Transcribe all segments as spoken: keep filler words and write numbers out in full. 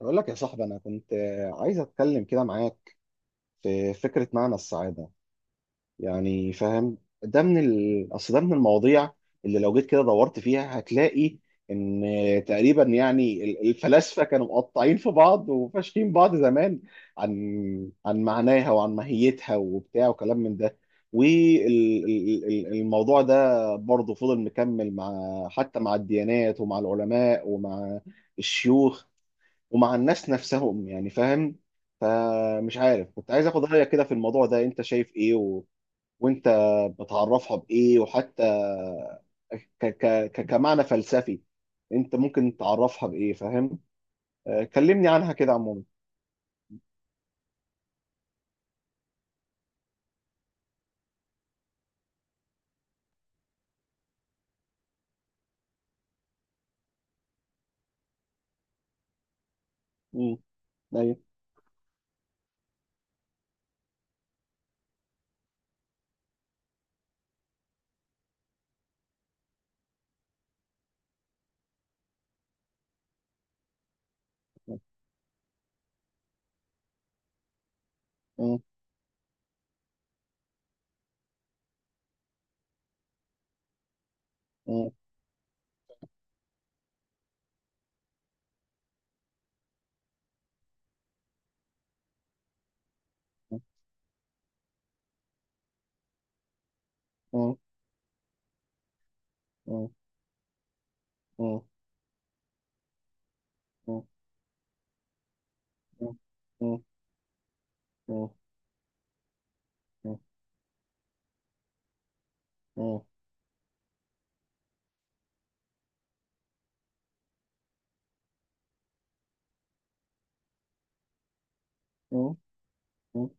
بقول لك يا صاحبي أنا كنت عايز أتكلم كده معاك في فكرة معنى السعادة، يعني فاهم؟ ده من ال... أصل ده من المواضيع اللي لو جيت كده دورت فيها هتلاقي إن تقريبا يعني ال- الفلاسفة كانوا مقطعين في بعض وفاشكين بعض زمان عن عن معناها وعن ماهيتها وبتاع وكلام من ده. والموضوع ده برضه فضل مكمل مع، حتى مع الديانات ومع العلماء ومع الشيوخ ومع الناس نفسهم، يعني فاهم؟ فمش عارف، كنت عايز اخد رايك كده في الموضوع ده، انت شايف ايه و... وانت بتعرفها بايه؟ وحتى ك... ك... ك... كمعنى فلسفي انت ممكن تعرفها بايه، فاهم؟ آه، كلمني عنها كده عموما. مم. أيوة. مم. مم. مم. مم. مم. مم. مم. مم. مم. مم. مم. مم. مم. مم.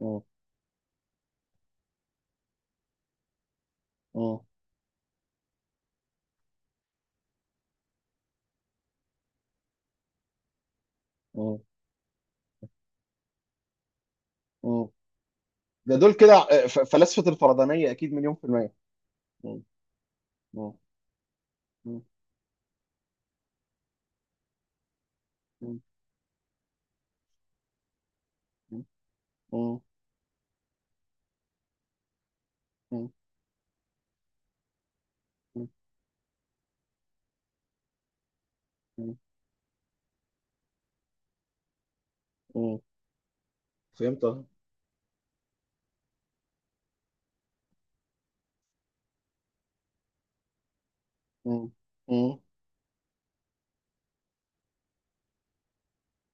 مم. مم. مم. مم. ده دول كده، آه، ف- فلاسفة الفردانية أكيد مليون في المية. مم. مم. مم. مم. مم. مم. مم. مم. مم. فهمت أهو. مم. مم.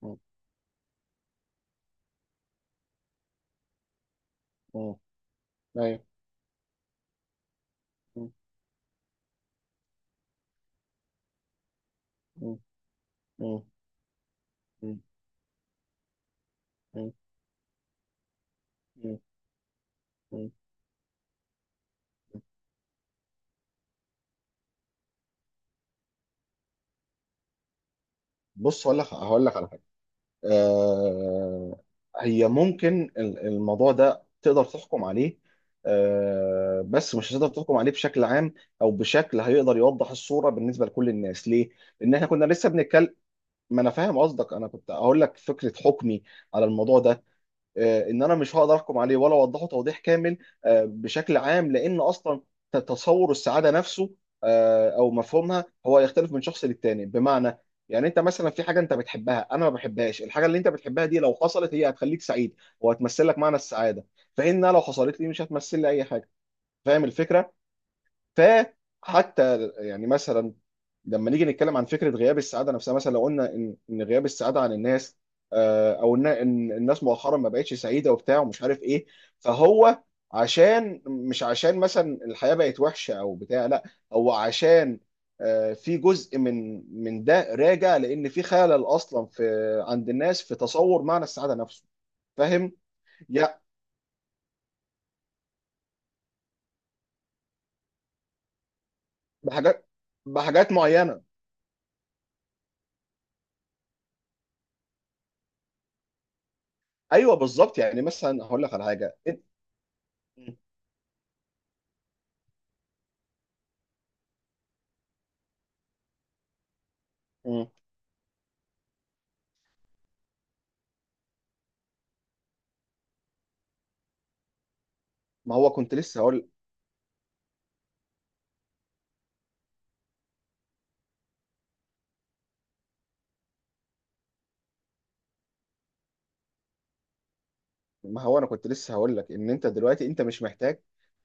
مم. مم. أيوه. مم. مم. مم. مم. مم. مم. مم. بص، هقول لك هقول لك على حاجة. آه هي ممكن ال- الموضوع ده تقدر تحكم عليه، آه بس مش هتقدر تحكم عليه بشكل عام، أو بشكل هيقدر يوضح الصورة بالنسبة لكل الناس. ليه؟ لأن احنا كنا لسه بنتكلم. ما انا فاهم قصدك، انا كنت هقول لك فكره حكمي على الموضوع ده. آه، ان انا مش هقدر احكم عليه ولا اوضحه توضيح كامل آه، بشكل عام، لان اصلا ت- تصور السعاده نفسه آه، او مفهومها، هو يختلف من شخص للتاني. بمعنى يعني انت مثلا في حاجه انت بتحبها انا ما بحبهاش، الحاجه اللي انت بتحبها دي لو حصلت هي هتخليك سعيد وهتمثل لك معنى السعاده، فانها لو حصلت لي مش هتمثل لي اي حاجه. فاهم الفكره؟ فحتى يعني مثلا لما نيجي نتكلم عن فكره غياب السعاده نفسها، مثلا لو قلنا ان ان غياب السعاده عن الناس، آه، او ان إن الناس مؤخرا ما بقتش سعيده وبتاع ومش عارف ايه، فهو عشان، مش عشان مثلا الحياه بقت وحشه او بتاع، لا، هو عشان آه، في جزء من من ده راجع لان في خلل اصلا في عند الناس في تصور معنى السعاده نفسه، فاهم؟ يا بحاجات بحاجات معينه. ايوه بالظبط، يعني مثلا هقول لك على حاجه. مم. ما هو كنت لسه هقول، ما هو انا كنت لسه هقول لك ان انت دلوقتي انت مش محتاج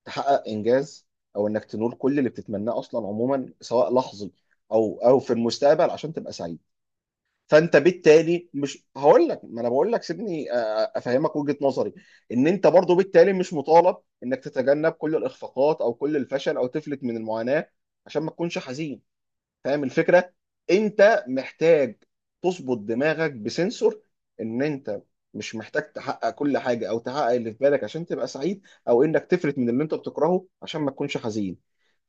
تحقق انجاز او انك تنول كل اللي بتتمناه اصلا، عموما، سواء لحظي او او في المستقبل عشان تبقى سعيد. فانت بالتالي مش، هقول لك، ما انا بقول لك، سيبني آه، آه، افهمك وجهة نظري. ان انت برضو بالتالي مش مطالب انك تتجنب كل الاخفاقات او كل الفشل او تفلت من المعاناة عشان ما تكونش حزين، فاهم الفكره؟ انت محتاج تظبط دماغك بسنسور ان انت مش محتاج تحقق كل حاجه او تحقق اللي في بالك عشان تبقى سعيد، او انك تفلت من اللي انت بتكرهه عشان ما تكونش حزين.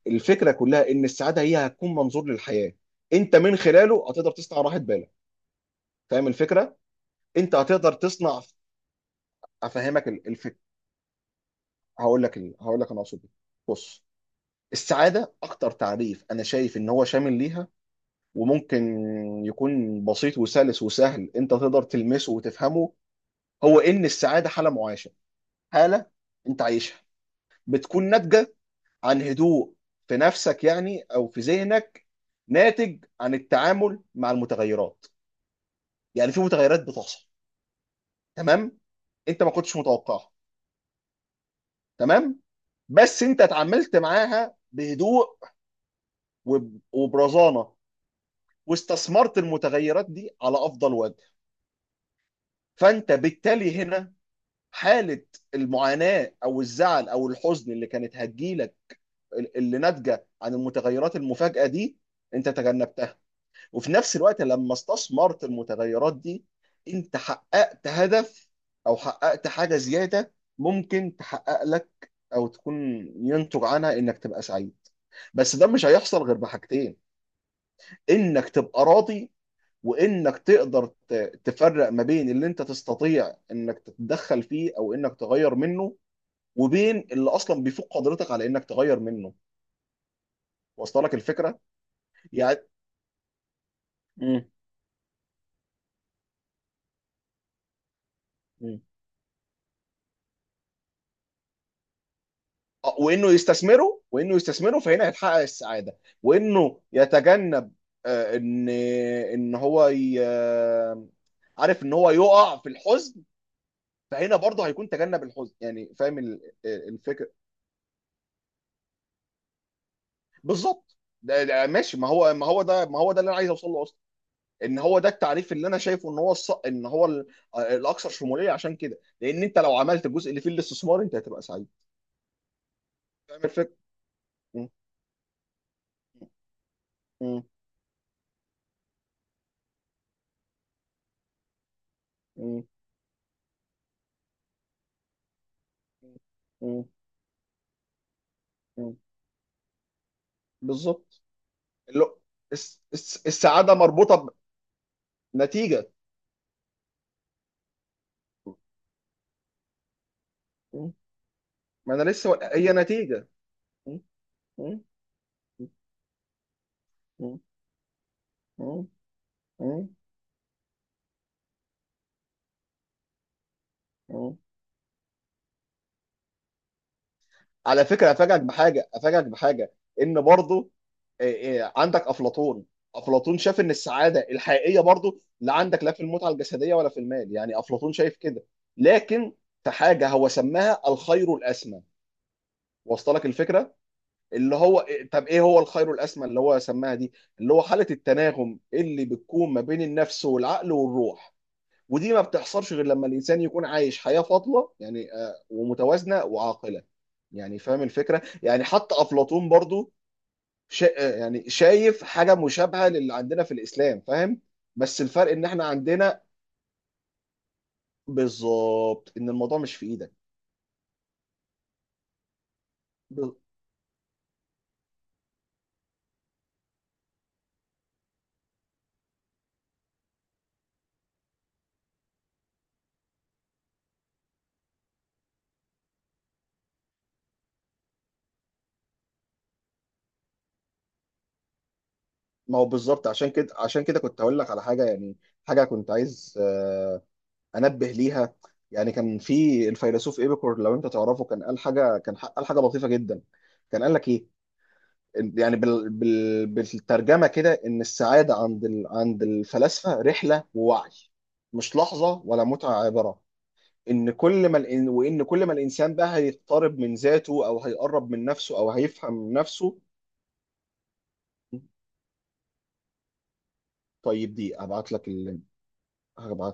الفكره كلها ان السعاده هي هتكون منظور للحياه انت من خلاله هتقدر تصنع راحه بالك، فاهم الفكره؟ انت هتقدر تصنع، افهمك ال- الفكره. هقول لك ال... هقول لك انا اقصد إيه. بص، السعاده اكتر تعريف انا شايف ان هو شامل ليها وممكن يكون بسيط وسلس وسهل انت تقدر تلمسه وتفهمه، هو ان السعاده حاله معاشه، حاله انت عايشها، بتكون ناتجه عن هدوء في نفسك يعني او في ذهنك، ناتج عن التعامل مع المتغيرات. يعني في متغيرات بتحصل، تمام، انت ما كنتش متوقعها، تمام، بس انت اتعاملت معاها بهدوء وب- وبرزانه واستثمرت المتغيرات دي على افضل وجه، فانت بالتالي هنا حالة المعاناة أو الزعل أو الحزن اللي كانت هتجيلك، اللي ناتجة عن المتغيرات المفاجئة دي، أنت تجنبتها. وفي نفس الوقت لما استثمرت المتغيرات دي أنت حققت هدف أو حققت حاجة زيادة ممكن تحقق لك، أو تكون ينتج عنها إنك تبقى سعيد. بس ده مش هيحصل غير بحاجتين: إنك تبقى راضي، وانك تقدر ت- تفرق ما بين اللي انت تستطيع انك تتدخل فيه او انك تغير منه، وبين اللي اصلا بيفوق قدرتك على انك تغير منه. واصله لك الفكره؟ يعني. مم. مم. آه، وانه يستثمره وانه يستثمره فهنا هيتحقق السعاده، وانه يتجنب آه، ان ان هو ي... آه، عارف ان هو يقع في الحزن، فهنا برضه هيكون تجنب الحزن، يعني فاهم ال- آه، الفكره؟ بالظبط، ده ده ماشي، ما هو ما هو ده ما هو ده اللي انا عايز اوصل له اصلا، ان هو ده التعريف اللي انا شايفه ان هو الص... ان هو ال- الاكثر شموليه عشان كده، لان انت لو عملت الجزء اللي فيه الاستثمار انت هتبقى سعيد، فاهم الفكره؟ م- م- م- م- م. بالظبط، اللي هو الس- الس- السعاده مربوطه بنتيجه. م. ما انا لسه هي نتيجه. م- م- م- م- م- م. على فكره افاجئك بحاجه، افاجئك بحاجه، ان برضو إيه، إيه، عندك افلاطون. افلاطون شاف ان السعاده الحقيقيه برضو لا عندك لا في المتعه الجسديه ولا في المال، يعني افلاطون شايف كده، لكن في حاجه هو سماها الخير الاسمى، وصلك الفكره؟ اللي هو إيه، طب ايه هو الخير الاسمى اللي هو سماها دي؟ اللي هو حاله التناغم اللي بتكون ما بين النفس والعقل والروح، ودي ما بتحصلش غير لما الانسان يكون عايش حياه فاضله، يعني آه، ومتوازنه وعاقله، يعني فاهم الفكره؟ يعني حتى افلاطون برضو شا... يعني شايف حاجه مشابهه للي عندنا في الاسلام، فاهم؟ بس الفرق ان احنا عندنا، بالظبط، ان الموضوع مش في ايدك. ب- ما هو بالظبط، عشان كده عشان كده كنت هقول لك على حاجه يعني، حاجه كنت عايز آه، انبه ليها. يعني كان في الفيلسوف ايبيكور، لو انت تعرفه، كان قال حاجه، كان ح- قال حاجه لطيفه جدا، كان قال لك ايه؟ يعني بال... بال... بالترجمه كده، ان السعاده عند ال... عند الفلاسفه رحله ووعي، مش لحظه ولا متعه عابره. ان كل ما الإن... وان كل ما الانسان بقى هيقترب من ذاته او هيقرب من نفسه او هيفهم نفسه. طيب دي ابعت لك اللينك، هبعت.